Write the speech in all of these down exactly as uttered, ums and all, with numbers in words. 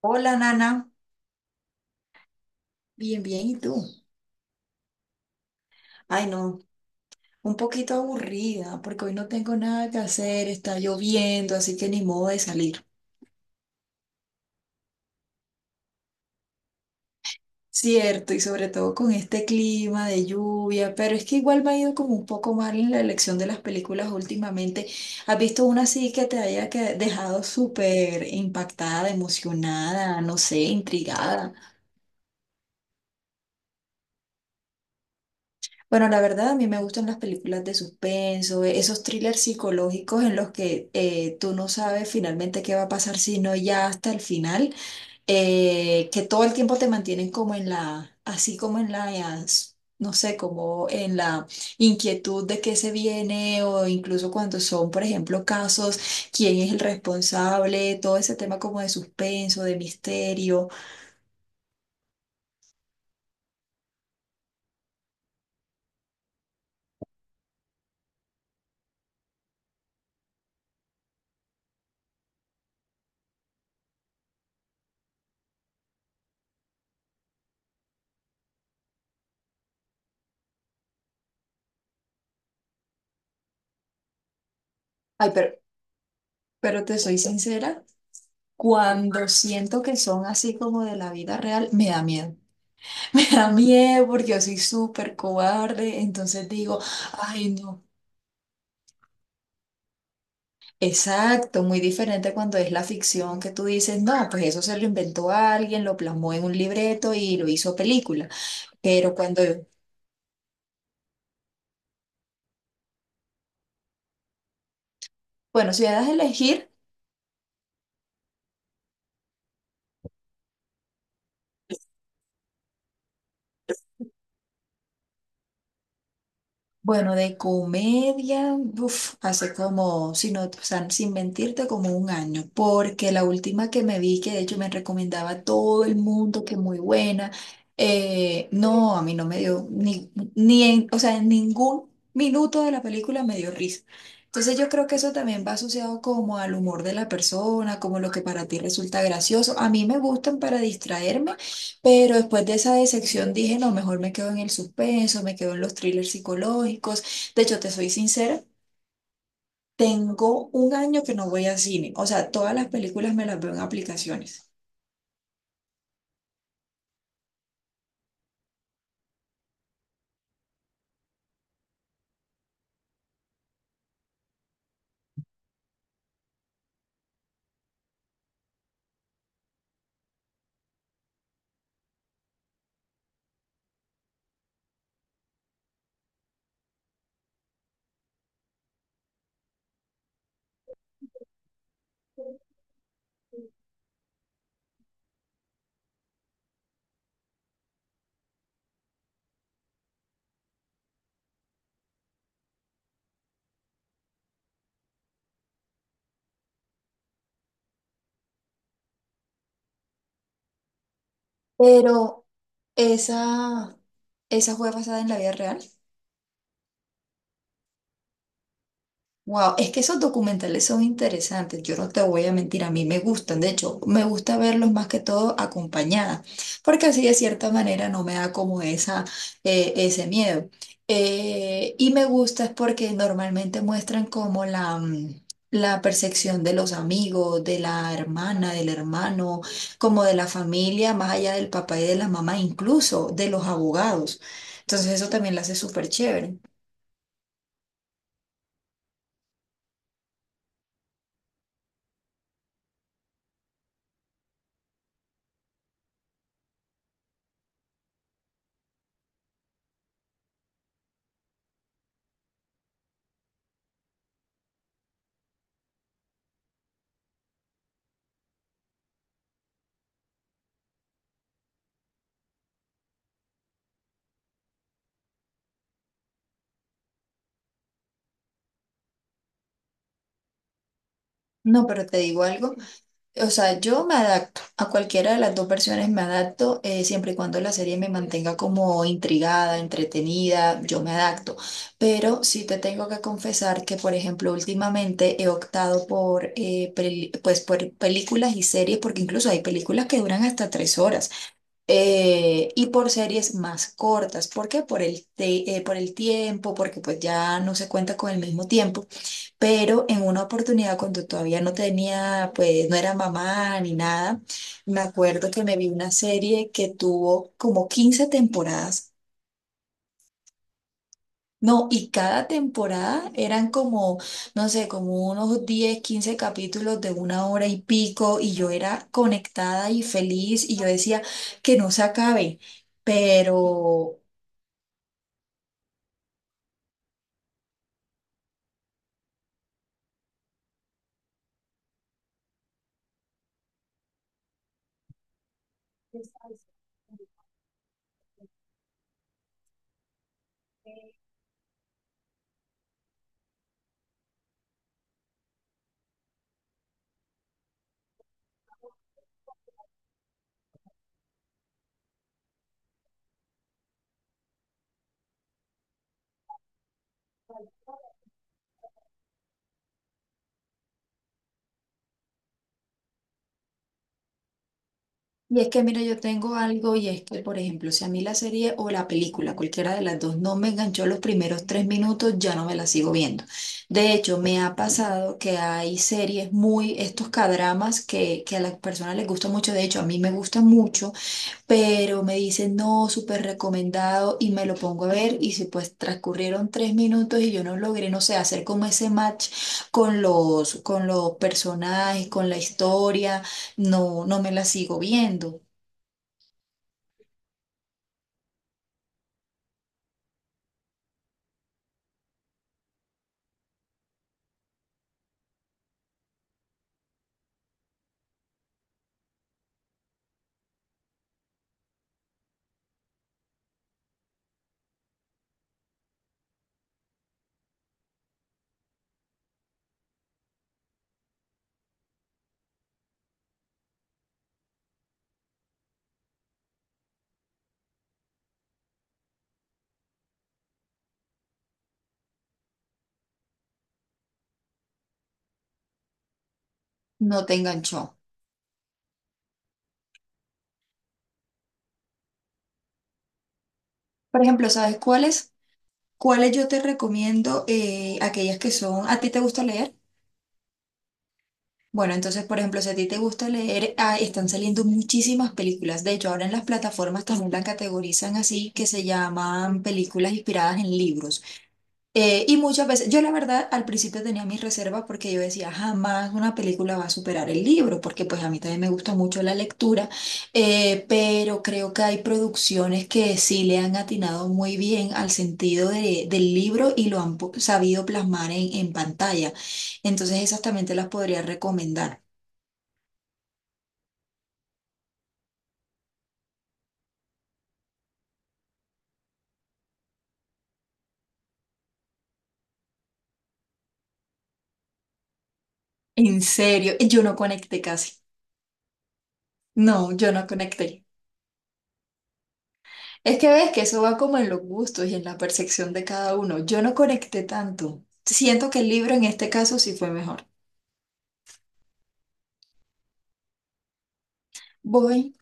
Hola, Nana. Bien, bien, ¿y tú? Ay, no, un poquito aburrida, porque hoy no tengo nada que hacer, está lloviendo, así que ni modo de salir. Cierto, y sobre todo con este clima de lluvia, pero es que igual me ha ido como un poco mal en la elección de las películas últimamente. ¿Has visto una así que te haya que- dejado súper impactada, emocionada, no sé, intrigada? Bueno, la verdad, a mí me gustan las películas de suspenso, e- esos thrillers psicológicos en los que eh, tú no sabes finalmente qué va a pasar, sino ya hasta el final, eh, que todo el tiempo te mantienen como en la, así como en la, as- no sé, como en la inquietud de qué se viene o incluso cuando son, por ejemplo, casos, quién es el responsable, todo ese tema como de suspenso, de misterio. Ay, pero, pero te soy sincera. Cuando siento que son así como de la vida real, me da miedo. Me da miedo porque yo soy súper cobarde. Entonces digo, ay, no. Exacto, muy diferente cuando es la ficción que tú dices, no, pues eso se lo inventó alguien, lo plasmó en un libreto y lo hizo película. Pero cuando, bueno, si me das a elegir. Bueno, de comedia, uf, hace como, si no, o sea, sin mentirte, como un año, porque la última que me vi, que de hecho me recomendaba a todo el mundo, que muy buena, eh, no, a mí no me dio, ni, ni en, o sea, en ningún minuto de la película me dio risa. Entonces yo creo que eso también va asociado como al humor de la persona, como lo que para ti resulta gracioso. A mí me gustan para distraerme. Pero después de esa decepción dije, no, mejor me quedo en el suspenso, me quedo en los thrillers psicológicos. De hecho, te soy sincera, tengo un año que no voy a cine. O sea, todas las películas me las veo en aplicaciones. Pero esa, esa fue basada en la vida real. Wow, es que esos documentales son interesantes, yo no te voy a mentir, a mí me gustan, de hecho, me gusta verlos más que todo acompañada, porque así de cierta manera no me da como esa, eh, ese miedo. Eh, y me gusta es porque normalmente muestran como la, mm, la percepción de los amigos, de la hermana, del hermano, como de la familia, más allá del papá y de la mamá, incluso de los abogados. Entonces eso también lo hace súper chévere. No, pero te digo algo. O sea, yo me adapto a cualquiera de las dos versiones, me adapto eh, siempre y cuando la serie me mantenga como intrigada, entretenida, yo me adapto. Pero sí te tengo que confesar que, por ejemplo, últimamente he optado por, eh, peli- pues, por películas y series, porque incluso hay películas que duran hasta tres horas. Eh, y por series más cortas, ¿por qué? Por el, te- eh, por el tiempo, porque pues ya no se cuenta con el mismo tiempo pero en una oportunidad cuando todavía no tenía, pues no era mamá ni nada, me acuerdo que me vi una serie que tuvo como quince temporadas. No, y cada temporada eran como, no sé, como unos diez quince capítulos de una hora y pico, y yo era conectada y feliz, y yo decía que no se acabe, pero Y es que, mira, yo tengo algo y es que, por ejemplo, si a mí la serie o la película, cualquiera de las dos, no me enganchó los primeros tres minutos, ya no me la sigo viendo. De hecho, me ha pasado que hay series muy, estos cadramas que, que a las personas les gusta mucho, de hecho, a mí me gusta mucho, pero me dicen, no, súper recomendado y me lo pongo a ver y si pues transcurrieron tres minutos y yo no logré, no sé, hacer como ese match con los, con los personajes, con la historia, no, no me la sigo viendo. No te enganchó. Por ejemplo, ¿sabes cuáles? ¿Cuáles yo te recomiendo? Eh, aquellas que son, ¿a ti te gusta leer? Bueno, entonces, por ejemplo, si a ti te gusta leer, ah, están saliendo muchísimas películas. De hecho, ahora en las plataformas también las categorizan así, que se llaman películas inspiradas en libros. Eh, y muchas veces, yo la verdad al principio tenía mis reservas porque yo decía, jamás una película va a superar el libro, porque pues a mí también me gusta mucho la lectura, eh, pero creo que hay producciones que sí le han atinado muy bien al sentido de- del libro y lo han po- sabido plasmar en, en pantalla. Entonces esas también te las podría recomendar. En serio, yo no conecté casi. No, yo no conecté. Es que ves que eso va como en los gustos y en la percepción de cada uno. Yo no conecté tanto. Siento que el libro en este caso sí fue mejor. Voy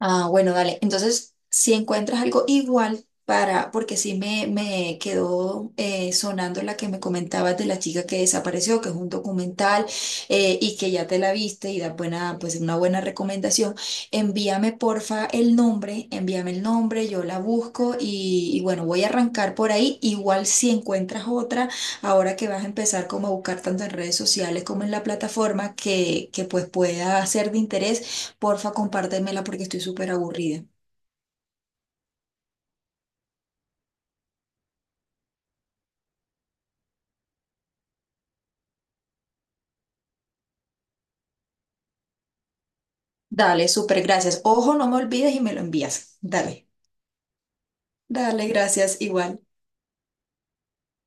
Ah, bueno, dale. Entonces, si encuentras algo igual para, porque sí me, me quedó eh, sonando la que me comentabas de la chica que desapareció, que es un documental eh, y que ya te la viste y da buena, pues una buena recomendación. Envíame porfa el nombre, envíame el nombre, yo la busco y, y bueno, voy a arrancar por ahí. Igual si encuentras otra, ahora que vas a empezar como a buscar tanto en redes sociales como en la plataforma que, que pues pueda ser de interés. Porfa, compártemela porque estoy súper aburrida. Dale, súper gracias. Ojo, no me olvides y me lo envías. Dale, dale, gracias, igual.